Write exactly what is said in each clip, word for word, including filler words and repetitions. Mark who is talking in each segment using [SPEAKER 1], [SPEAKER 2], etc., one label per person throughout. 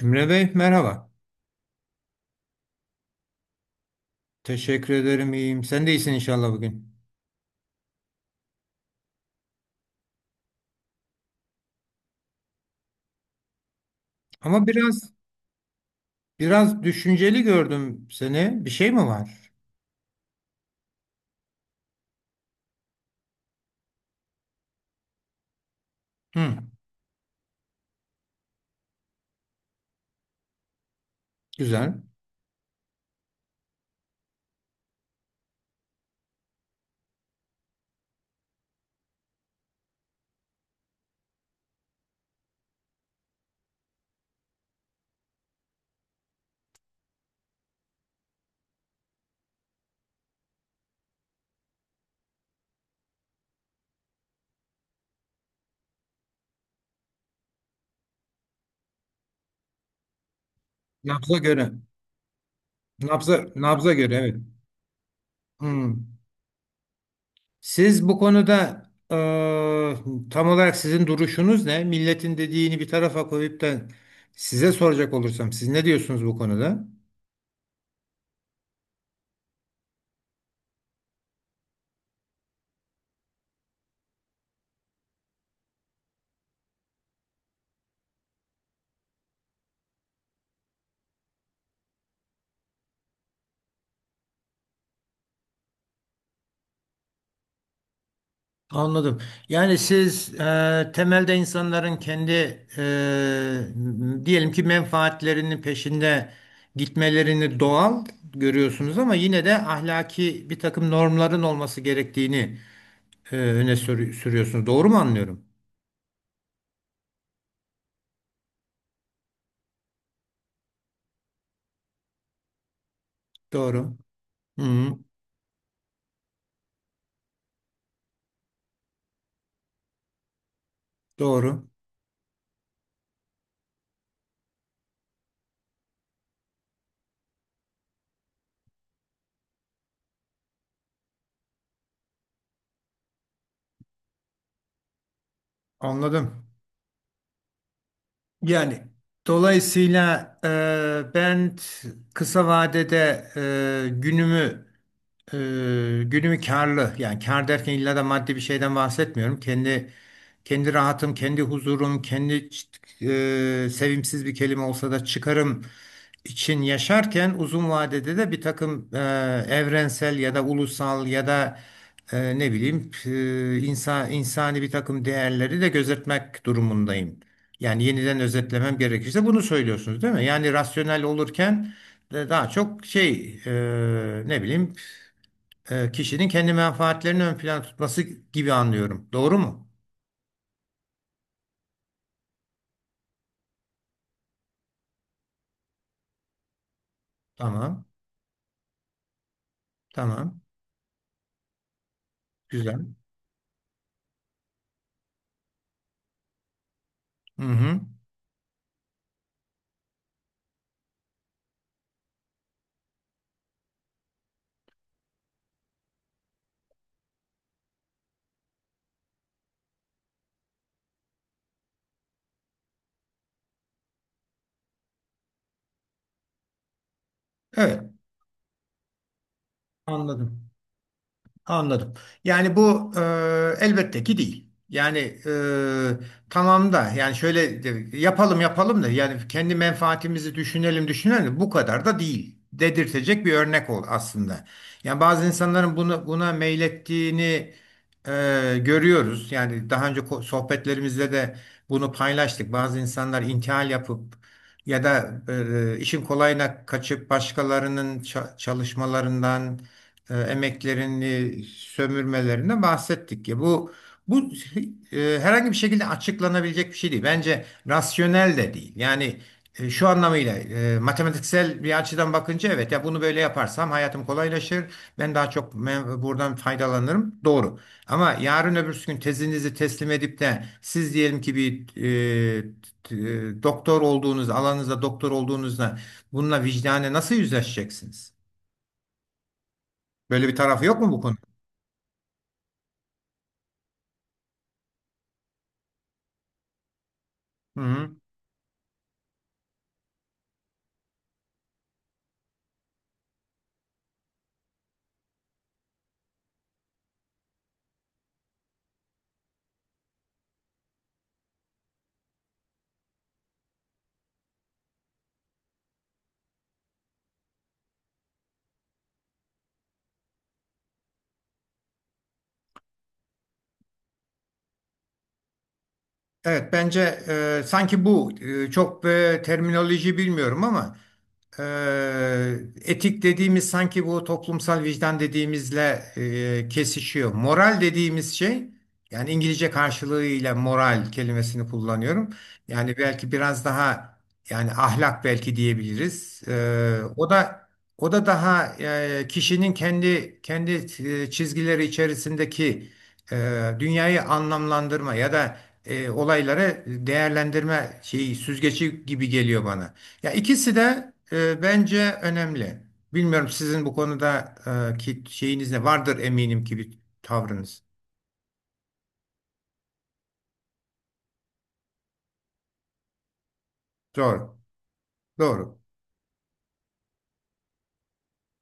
[SPEAKER 1] Emre Bey merhaba. Teşekkür ederim iyiyim. Sen de iyisin inşallah bugün. Ama biraz biraz düşünceli gördüm seni. Bir şey mi var? Hı, güzel. Nabza göre. Nabza nabza göre evet. Hı. Siz bu konuda, e, tam olarak sizin duruşunuz ne? Milletin dediğini bir tarafa koyup da size soracak olursam siz ne diyorsunuz bu konuda? Anladım. Yani siz e, temelde insanların kendi, e, diyelim ki menfaatlerinin peşinde gitmelerini doğal görüyorsunuz ama yine de ahlaki bir takım normların olması gerektiğini e, öne sürü- sürüyorsunuz. Doğru mu anlıyorum? Doğru. Hı, hı. Doğru. Anladım. Yani dolayısıyla, e, ben t- kısa vadede, e, günümü e, günümü karlı, yani kar derken illa da maddi bir şeyden bahsetmiyorum. Kendi kendi rahatım, kendi huzurum, kendi ç- e, sevimsiz bir kelime olsa da çıkarım için yaşarken uzun vadede de bir takım e, evrensel ya da ulusal ya da, e, ne bileyim, e, insan insani bir takım değerleri de gözetmek durumundayım. Yani yeniden özetlemem gerekirse bunu söylüyorsunuz, değil mi? Yani rasyonel olurken de daha çok şey, e, ne bileyim, e, kişinin kendi menfaatlerini ön plana tutması gibi anlıyorum. Doğru mu? Tamam. Tamam. Güzel. Hı hı. Evet. Anladım. Anladım. Yani bu, e, elbette ki değil. Yani, e, tamam da, yani şöyle de- yapalım yapalım da, yani kendi menfaatimizi düşünelim düşünelim de bu kadar da değil dedirtecek bir örnek ol aslında. Yani bazı insanların bunu, buna meylettiğini e, görüyoruz. Yani daha önce ko- sohbetlerimizde de bunu paylaştık. Bazı insanlar intihal yapıp ya da, e, işin kolayına kaçıp başkalarının ça- çalışmalarından e, emeklerini sömürmelerine bahsettik ya. Bu bu e, herhangi bir şekilde açıklanabilecek bir şey değil. Bence rasyonel de değil. Yani, e, şu anlamıyla, e, matematiksel bir açıdan bakınca, evet, ya bunu böyle yaparsam hayatım kolaylaşır. Ben daha çok me- buradan faydalanırım. Doğru. Ama yarın öbürsü gün tezinizi teslim edip de siz diyelim ki bir, e, t- e, doktor olduğunuz alanınızda doktor olduğunuzda bununla vicdane nasıl yüzleşeceksiniz? Böyle bir tarafı yok mu bu? Hı hı. Evet bence, e, sanki bu, e, çok, e, terminoloji bilmiyorum ama, e, etik dediğimiz sanki bu toplumsal vicdan dediğimizle e, kesişiyor. Moral dediğimiz şey, yani İngilizce karşılığıyla moral kelimesini kullanıyorum. Yani belki biraz daha, yani ahlak belki diyebiliriz. E, o da o da daha, e, kişinin kendi kendi e, çizgileri içerisindeki e, dünyayı anlamlandırma ya da e, olaylara değerlendirme şeyi süzgeci gibi geliyor bana. Ya ikisi de, e, bence önemli. Bilmiyorum, sizin bu konuda e, ki şeyiniz ne vardır, eminim ki bir tavrınız. Doğru. Doğru.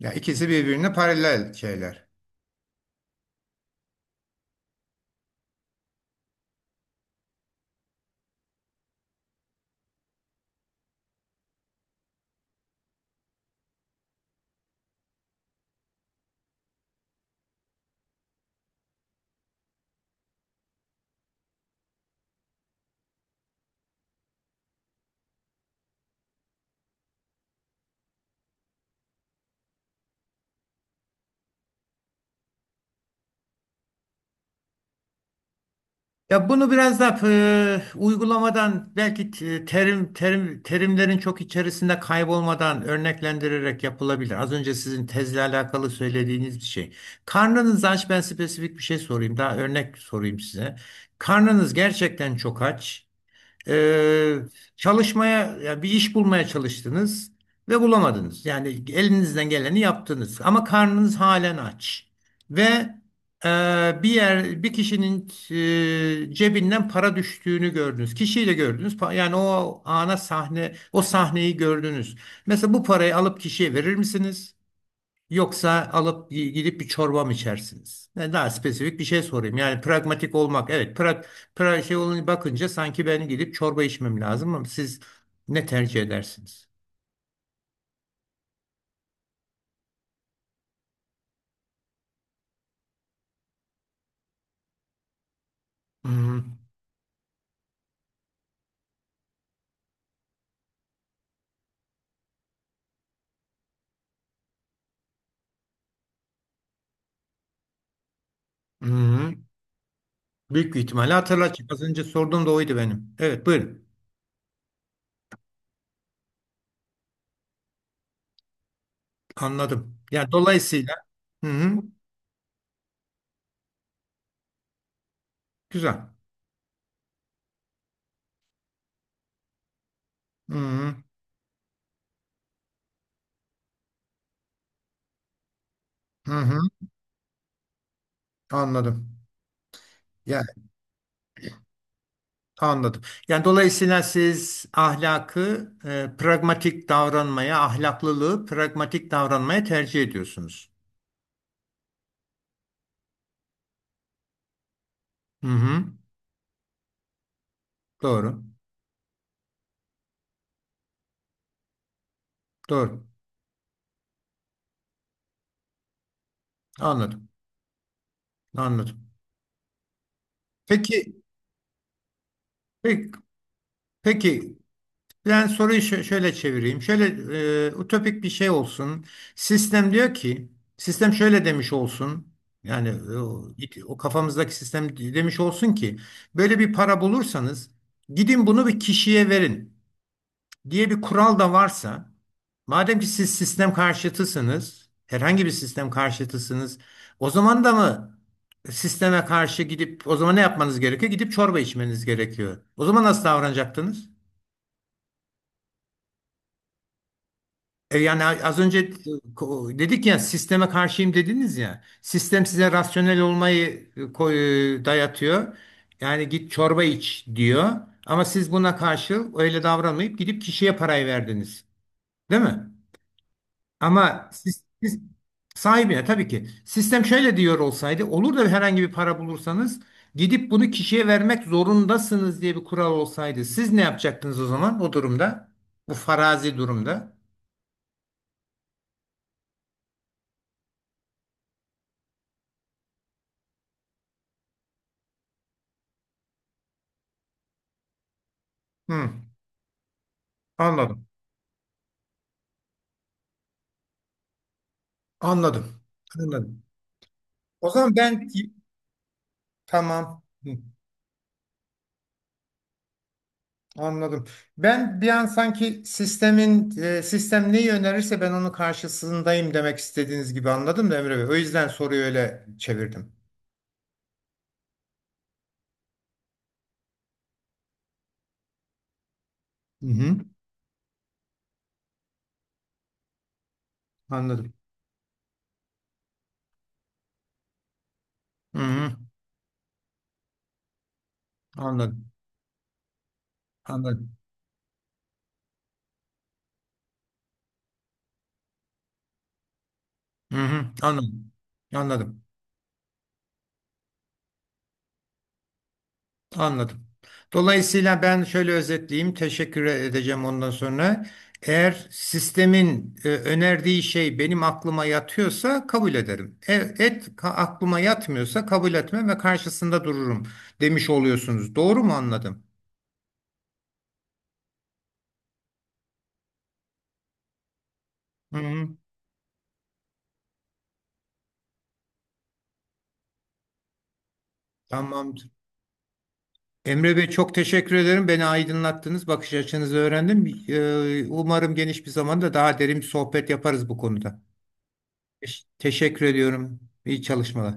[SPEAKER 1] Ya ikisi birbirine paralel şeyler. Ya bunu biraz da e, uygulamadan belki, t- terim terim terimlerin çok içerisinde kaybolmadan örneklendirerek yapılabilir. Az önce sizin tezle alakalı söylediğiniz bir şey. Karnınız aç, ben spesifik bir şey sorayım. Daha örnek sorayım size. Karnınız gerçekten çok aç. Ee, çalışmaya ya Bir iş bulmaya çalıştınız ve bulamadınız. Yani elinizden geleni yaptınız ama karnınız halen aç ve, e, bir yer bir kişinin e, cebinden para düştüğünü gördünüz. Kişiyi de gördünüz. Pa- Yani o ana sahne o sahneyi gördünüz. Mesela bu parayı alıp kişiye verir misiniz? Yoksa alıp gi- gidip bir çorba mı içersiniz? Yani daha spesifik bir şey sorayım. Yani pragmatik olmak. Evet, pra, pra şey olunca, bakınca sanki ben gidip çorba içmem lazım ama siz ne tercih edersiniz? Hı hı. Hı hı. Büyük bir ihtimalle hatırlatacak. Az önce sorduğum da oydu benim. Evet, buyurun. Anladım. Yani dolayısıyla. Hı hı. Güzel. Hı hı. Hı hı. Anladım. Ya, anladım. Yani dolayısıyla siz ahlakı, e, pragmatik davranmaya, ahlaklılığı pragmatik davranmaya tercih ediyorsunuz. Hı hı. Doğru. Doğru. Anladım. Anladım. Peki, peki, peki. Ben soruyu şö- şöyle çevireyim. Şöyle, e, ütopik bir şey olsun. Sistem diyor ki, sistem şöyle demiş olsun. Yani e, o, o kafamızdaki sistem demiş olsun ki, böyle bir para bulursanız gidin bunu bir kişiye verin diye bir kural da varsa, madem ki siz sistem karşıtısınız, herhangi bir sistem karşıtısınız, o zaman da mı sisteme karşı gidip, o zaman ne yapmanız gerekiyor? Gidip çorba içmeniz gerekiyor. O zaman nasıl davranacaktınız? E yani az önce, e, dedik ya, sisteme karşıyım dediniz ya. Sistem size rasyonel olmayı, e, koy- e, dayatıyor. Yani git çorba iç diyor. Ama siz buna karşı öyle davranmayıp gidip kişiye parayı verdiniz. Değil mi? Ama siz, siz sahibine, tabii ki. Sistem şöyle diyor olsaydı, olur da herhangi bir para bulursanız gidip bunu kişiye vermek zorundasınız diye bir kural olsaydı, siz ne yapacaktınız o zaman o durumda? Bu farazi durumda. Hı, anladım. Anladım. Anladım. O zaman ben, tamam. Hı, anladım. Ben bir an sanki sistemin e, sistem neyi önerirse ben onun karşısındayım demek istediğiniz gibi anladım da Emre Bey. O yüzden soruyu öyle çevirdim. Hı hı, anladım. Hı hı, anladım. Anladım. Hı hı, anladım. Anladım. Anladım. Dolayısıyla ben şöyle özetleyeyim. Teşekkür edeceğim ondan sonra. Eğer sistemin e, önerdiği şey benim aklıma yatıyorsa kabul ederim. E, et ka- aklıma yatmıyorsa kabul etmem ve karşısında dururum demiş oluyorsunuz. Doğru mu anladım? Hı hı, tamamdır. Emre Bey çok teşekkür ederim. Beni aydınlattınız. Bakış açınızı öğrendim. E, umarım geniş bir zamanda daha derin bir sohbet yaparız bu konuda. Teş- Teşekkür ediyorum. İyi çalışmalar.